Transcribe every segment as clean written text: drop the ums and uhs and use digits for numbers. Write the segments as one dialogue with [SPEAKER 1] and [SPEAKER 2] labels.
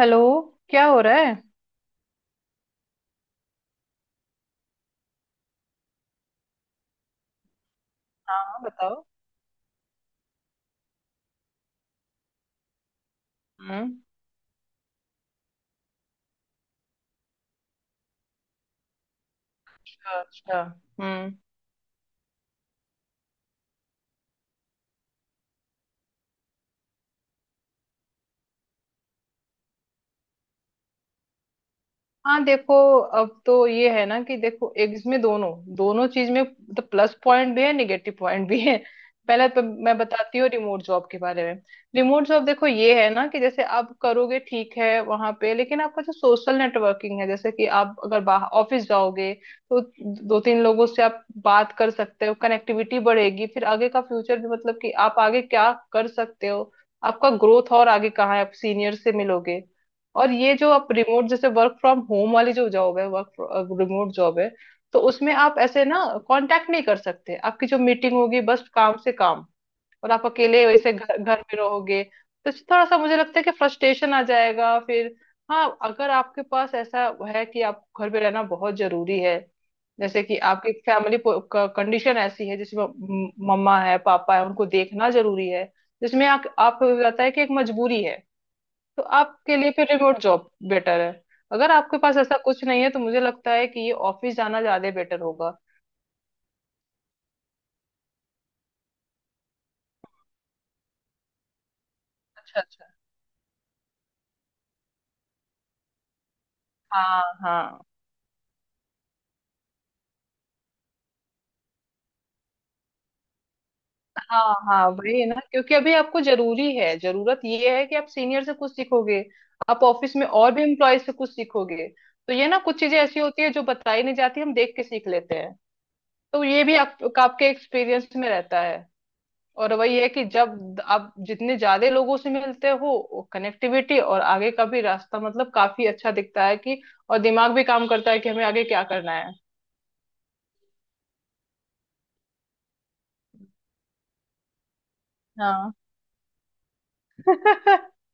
[SPEAKER 1] Hello. क्या हो रहा है? हाँ हाँ, बताओ। हम्म। अच्छा। हम्म। हाँ देखो, अब तो ये है ना कि देखो एग्स में दोनों दोनों चीज में तो प्लस पॉइंट भी है, निगेटिव पॉइंट भी है। पहले तो मैं बताती हूँ रिमोट जॉब के बारे में। रिमोट जॉब देखो, ये है ना कि जैसे आप करोगे, ठीक है वहां पे, लेकिन आपका जो सोशल नेटवर्किंग है, जैसे कि आप अगर बाहर ऑफिस जाओगे तो 2-3 लोगों से आप बात कर सकते हो, कनेक्टिविटी बढ़ेगी, फिर आगे का फ्यूचर भी, मतलब कि आप आगे क्या कर सकते हो, आपका ग्रोथ और आगे कहाँ है, आप सीनियर से मिलोगे। और ये जो आप रिमोट, जैसे वर्क फ्रॉम होम वाली जो जॉब है, वर्क रिमोट जॉब है, तो उसमें आप ऐसे ना कांटेक्ट नहीं कर सकते, आपकी जो मीटिंग होगी बस काम से काम। और आप अकेले वैसे घर घर में रहोगे तो थोड़ा सा मुझे लगता है कि फ्रस्ट्रेशन आ जाएगा फिर। हाँ अगर आपके पास ऐसा है कि आप घर पे रहना बहुत जरूरी है, जैसे कि आपकी फैमिली कंडीशन ऐसी है जिसमें मम्मा है, पापा है, उनको देखना जरूरी है, जिसमें आप रहता है कि एक मजबूरी है, तो आपके लिए फिर रिमोट जॉब बेटर है। अगर आपके पास ऐसा कुछ नहीं है तो मुझे लगता है कि ये ऑफिस जाना ज्यादा बेटर होगा। अच्छा अच्छा। हाँ हाँ। हाँ हाँ, वही है ना, क्योंकि अभी आपको जरूरी है, जरूरत ये है कि आप सीनियर से कुछ सीखोगे, आप ऑफिस में और भी एम्प्लॉय से कुछ सीखोगे। तो ये ना, कुछ चीजें ऐसी होती है जो बताई नहीं जाती, हम देख के सीख लेते हैं। तो ये भी आपके एक्सपीरियंस में रहता है। और वही है कि जब आप जितने ज्यादा लोगों से मिलते हो, कनेक्टिविटी और आगे का भी रास्ता, मतलब काफी अच्छा दिखता है कि, और दिमाग भी काम करता है कि हमें आगे क्या करना है। हाँ।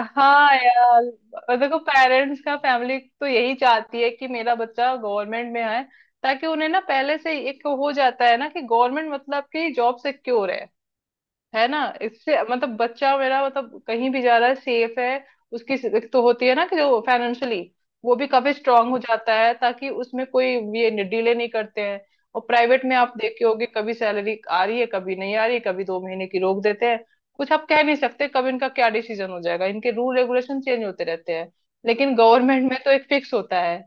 [SPEAKER 1] हाँ यार, और देखो, पेरेंट्स का फैमिली तो यही चाहती है कि मेरा बच्चा गवर्नमेंट में है, ताकि उन्हें ना पहले से ही एक हो जाता है ना कि गवर्नमेंट मतलब कि जॉब सिक्योर है। है ना, इससे मतलब बच्चा मेरा, मतलब कहीं भी जा रहा है, सेफ है। उसकी एक तो होती है ना कि जो फाइनेंशियली वो भी काफी स्ट्रांग हो जाता है, ताकि उसमें कोई ये डिले नहीं करते हैं। और प्राइवेट में आप देखे होगे, कभी सैलरी आ रही है, कभी नहीं आ रही है, कभी 2 महीने की रोक देते हैं। कुछ आप कह नहीं सकते कब इनका क्या डिसीजन हो जाएगा, इनके रूल रेगुलेशन चेंज होते रहते हैं। लेकिन गवर्नमेंट में तो एक फिक्स होता है।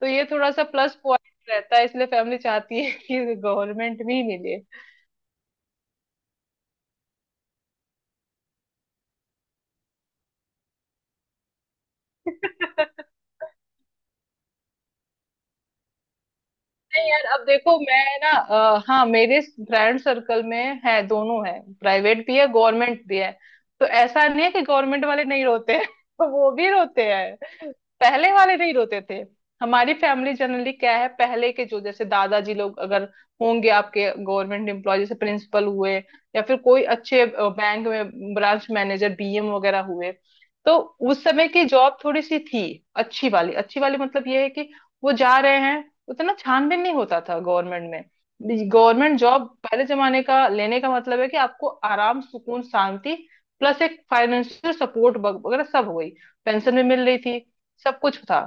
[SPEAKER 1] तो ये थोड़ा सा प्लस पॉइंट रहता है, इसलिए फैमिली चाहती है कि गवर्नमेंट भी मिले। नहीं यार, अब देखो, मैं ना हाँ मेरे फ्रेंड सर्कल में है, दोनों है, प्राइवेट भी है गवर्नमेंट भी है। तो ऐसा नहीं है कि गवर्नमेंट वाले नहीं रोते हैं। वो भी रोते हैं। पहले वाले नहीं रोते थे। हमारी फैमिली जनरली क्या है, पहले के जो जैसे दादाजी लोग अगर होंगे आपके, गवर्नमेंट एम्प्लॉय, जैसे प्रिंसिपल हुए या फिर कोई अच्छे बैंक में ब्रांच मैनेजर बीएम वगैरह हुए, तो उस समय की जॉब थोड़ी सी थी अच्छी वाली। अच्छी वाली मतलब ये है कि वो जा रहे हैं, उतना छानबीन नहीं होता था गवर्नमेंट में। गवर्नमेंट जॉब पहले जमाने का लेने का मतलब है कि आपको आराम, सुकून, शांति प्लस एक फाइनेंशियल सपोर्ट वगैरह सब हो गई, पेंशन भी मिल रही थी, सब कुछ था।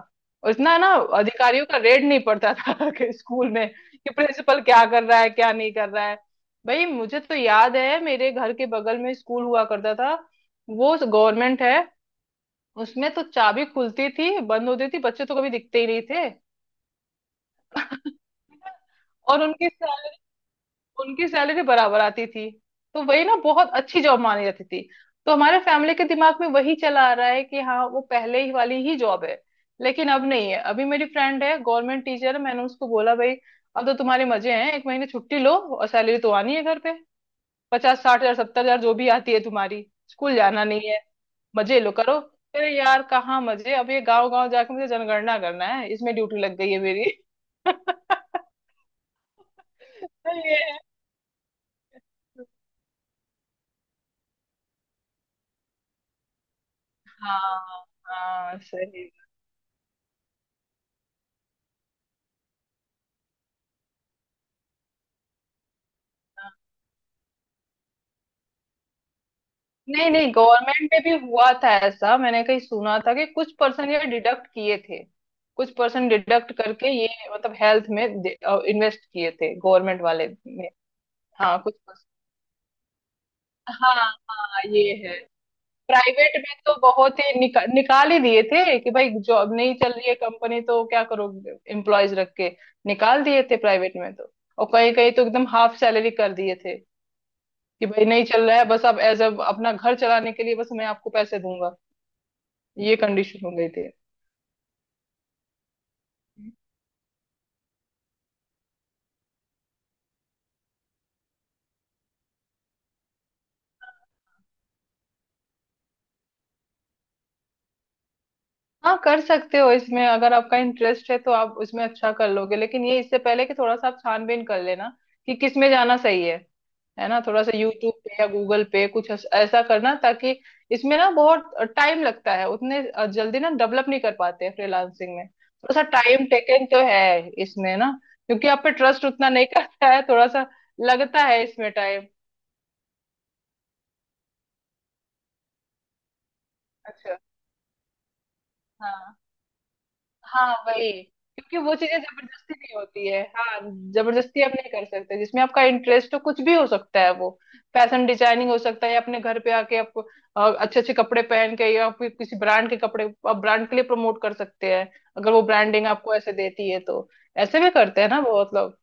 [SPEAKER 1] और इतना ना अधिकारियों का रेड नहीं पड़ता था, कि स्कूल में कि प्रिंसिपल क्या कर रहा है क्या नहीं कर रहा है। भाई मुझे तो याद है, मेरे घर के बगल में स्कूल हुआ करता था, वो गवर्नमेंट है, उसमें तो चाबी खुलती थी बंद होती थी, बच्चे तो कभी दिखते ही नहीं थे। और उनकी सैलरी, उनकी सैलरी बराबर आती थी। तो वही ना बहुत अच्छी जॉब मानी जाती थी। तो हमारे फैमिली के दिमाग में वही चला आ रहा है कि हाँ वो पहले ही वाली ही जॉब है। लेकिन अब नहीं है। अभी मेरी फ्रेंड है गवर्नमेंट टीचर है, मैंने उसको बोला भाई अब तो तुम्हारे मजे हैं, एक महीने छुट्टी लो और सैलरी तो आनी है घर पे, 50-60 हजार 70 हजार जो भी आती है तुम्हारी, स्कूल जाना नहीं है, मजे लो करो। अरे यार कहाँ मजे, अब ये गाँव गाँव जाके मुझे जनगणना करना है, इसमें ड्यूटी लग गई है मेरी। ये है। हाँ हाँ सही। नहीं नहीं, गवर्नमेंट में भी हुआ था ऐसा, मैंने कहीं सुना था कि कुछ पर्सन ये डिडक्ट किए थे, कुछ पर्सन डिडक्ट करके ये मतलब हेल्थ में इन्वेस्ट किए थे गवर्नमेंट वाले में। हाँ कुछ पर्सन। हाँ हाँ ये है। प्राइवेट में तो बहुत ही निकाल ही दिए थे, कि भाई जॉब नहीं चल रही है कंपनी, तो क्या करोगे एम्प्लॉयज रख के, निकाल दिए थे प्राइवेट में तो। और कहीं कहीं तो एकदम हाफ सैलरी कर दिए थे, कि भाई नहीं चल रहा है, बस आप एज अ अपना घर चलाने के लिए बस मैं आपको पैसे दूंगा, ये कंडीशन हो गई थी। हाँ कर सकते हो, इसमें अगर आपका इंटरेस्ट है तो आप उसमें अच्छा कर लोगे, लेकिन ये इससे पहले कि थोड़ा सा आप छानबीन कर लेना कि किस में जाना सही है। है ना, थोड़ा सा यूट्यूब पे या गूगल पे कुछ ऐसा करना ताकि, इसमें ना बहुत टाइम लगता है, उतने जल्दी ना डेवलप नहीं कर पाते हैं, फ्रीलांसिंग में थोड़ा सा टाइम टेकन तो है इसमें ना, क्योंकि आप पे ट्रस्ट उतना नहीं करता है, थोड़ा सा लगता है इसमें टाइम। हाँ हाँ वही, क्योंकि वो चीजें जबरदस्ती नहीं होती है। हाँ, जबरदस्ती आप नहीं कर सकते, जिसमें आपका इंटरेस्ट हो कुछ भी हो सकता है वो, फैशन डिजाइनिंग हो सकता है, या अपने घर पे आके आप अच्छे अच्छे कपड़े पहन के, या फिर किसी ब्रांड के कपड़े आप ब्रांड के लिए प्रमोट कर सकते हैं, अगर वो ब्रांडिंग आपको ऐसे देती है तो। ऐसे भी करते हैं ना बहुत लोग।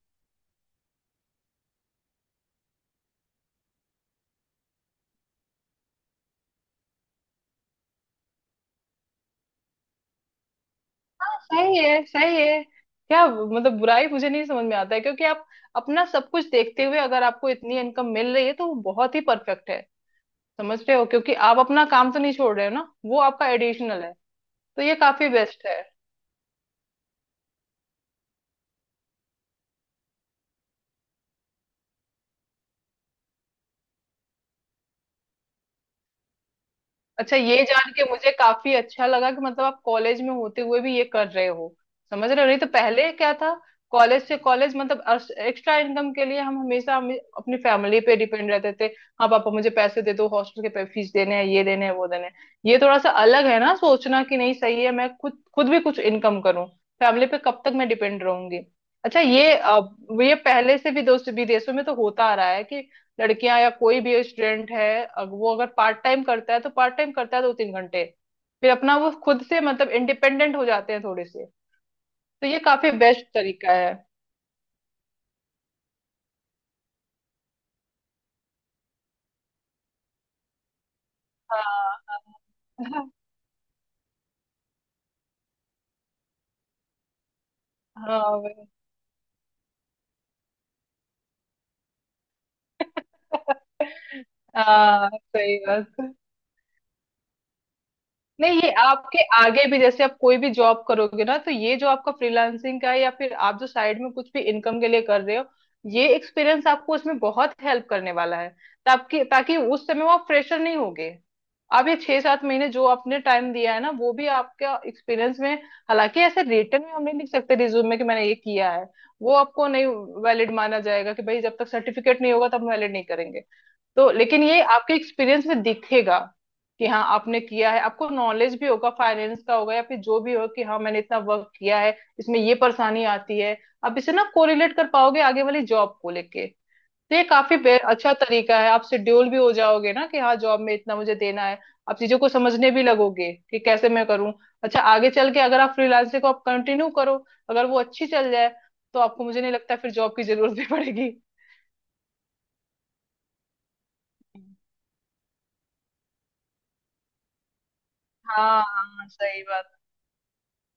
[SPEAKER 1] सही है सही है, क्या मतलब बुराई मुझे नहीं समझ में आता है, क्योंकि आप अपना सब कुछ देखते हुए अगर आपको इतनी इनकम मिल रही है तो वो बहुत ही परफेक्ट है, समझ रहे हो, क्योंकि आप अपना काम तो नहीं छोड़ रहे हो ना, वो आपका एडिशनल है, तो ये काफी बेस्ट है। अच्छा ये जान के मुझे काफी अच्छा लगा कि मतलब आप कॉलेज में होते हुए भी ये कर रहे हो, समझ रहे हो, नहीं तो पहले क्या था, कॉलेज से कॉलेज मतलब एक्स्ट्रा इनकम के लिए हम हमेशा हम अपनी फैमिली पे डिपेंड रहते थे। हाँ पापा मुझे पैसे दे दो, हॉस्टल के फीस देने हैं, ये देने हैं, वो देने हैं। ये थोड़ा सा अलग है ना सोचना कि नहीं सही है, मैं खुद खुद भी कुछ इनकम करूँ, फैमिली पे कब तक मैं डिपेंड रहूंगी। अच्छा ये ये पहले से भी दोस्त विदेशों में तो होता आ रहा है कि लड़कियां या कोई भी स्टूडेंट है अगर वो, अगर पार्ट टाइम करता है तो पार्ट टाइम करता है 2-3 घंटे, फिर अपना वो खुद से मतलब इंडिपेंडेंट हो जाते हैं थोड़े से, तो ये काफी बेस्ट तरीका है। हाँ हाँ। हाँ हाँ, वही। हाँ, सही बात। नहीं ये आपके आगे भी, जैसे आप कोई भी जॉब करोगे ना, तो ये जो आपका फ्रीलांसिंग का है या फिर आप जो साइड में कुछ भी इनकम के लिए कर रहे हो, ये एक्सपीरियंस आपको उसमें बहुत हेल्प करने वाला है, ताकि ताकि उस समय वो आप फ्रेशर नहीं होगे। आप ये 6-7 महीने जो आपने टाइम दिया है ना, वो भी आपका एक्सपीरियंस में, हालांकि ऐसे रिटर्न में हम नहीं लिख सकते रिज्यूम में कि मैंने ये किया है, वो आपको नहीं वैलिड माना जाएगा, कि भाई जब तक सर्टिफिकेट नहीं होगा तब वैलिड नहीं, तो लेकिन ये आपके एक्सपीरियंस में दिखेगा कि हाँ आपने किया है, आपको नॉलेज भी होगा, फाइनेंस का होगा या फिर जो भी हो, कि हाँ मैंने इतना वर्क किया है। इसमें ये परेशानी आती है, आप इसे ना कोरिलेट कर पाओगे आगे वाली जॉब को लेके। तो ये काफी बे- अच्छा तरीका है, आप शेड्यूल भी हो जाओगे ना, कि हाँ जॉब में इतना मुझे देना है, आप चीजों को समझने भी लगोगे कि कैसे मैं करूँ। अच्छा आगे चल के अगर आप फ्रीलांसिंग को आप कंटिन्यू करो, अगर वो अच्छी चल जाए, तो आपको मुझे नहीं लगता फिर जॉब की जरूरत भी पड़ेगी। हाँ हाँ सही बात।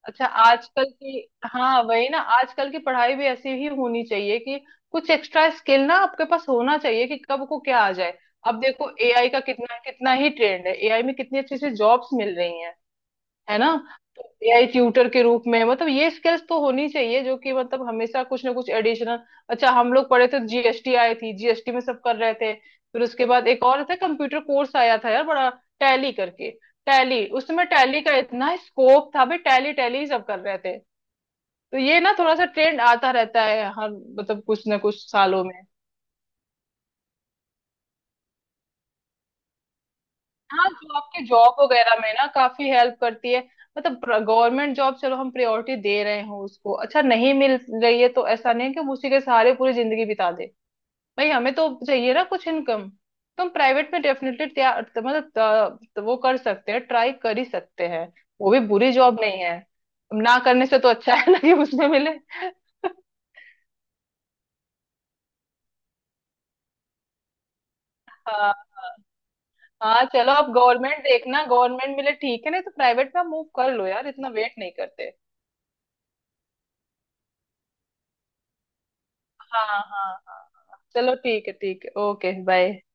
[SPEAKER 1] अच्छा आजकल की, हाँ वही ना आजकल की पढ़ाई भी ऐसी ही होनी चाहिए कि कुछ एक्स्ट्रा स्किल ना आपके पास होना चाहिए कि कब को क्या आ जाए। अब देखो एआई का कितना कितना ही ट्रेंड है, एआई में कितनी अच्छी अच्छी जॉब्स मिल रही हैं, है ना। तो एआई ट्यूटर के रूप में, मतलब ये स्किल्स तो होनी चाहिए जो कि मतलब हमेशा कुछ ना कुछ एडिशनल। अच्छा हम लोग पढ़े थे जीएसटी आई थी, जीएसटी में सब कर रहे थे, फिर उसके बाद एक और था कंप्यूटर कोर्स आया था यार बड़ा, टैली करके, टैली, उसमें टैली का इतना स्कोप था भाई, टैली टैली सब कर रहे थे। तो ये ना थोड़ा सा ट्रेंड आता रहता है हर, मतलब कुछ ना कुछ सालों में। हाँ जो आपके जॉब वगैरह में ना काफी हेल्प करती है, मतलब गवर्नमेंट जॉब चलो हम प्रायोरिटी दे रहे हो उसको, अच्छा नहीं मिल रही है तो ऐसा नहीं है कि हम उसी के सहारे पूरी जिंदगी बिता दे। भाई हमें तो चाहिए ना कुछ इनकम, तो हम प्राइवेट में डेफिनेटली तैयार, मतलब वो कर सकते हैं, ट्राई कर ही सकते हैं। वो भी बुरी जॉब नहीं है, ना करने से तो अच्छा है ना कि उसमें मिले। हाँ हाँ, चलो आप गवर्नमेंट देखना, गवर्नमेंट मिले ठीक है, नहीं तो प्राइवेट में आप मूव कर लो यार, इतना वेट नहीं करते। हाँ हाँ। हाँ हाँ। चलो ठीक है, ठीक है, ओके बाय।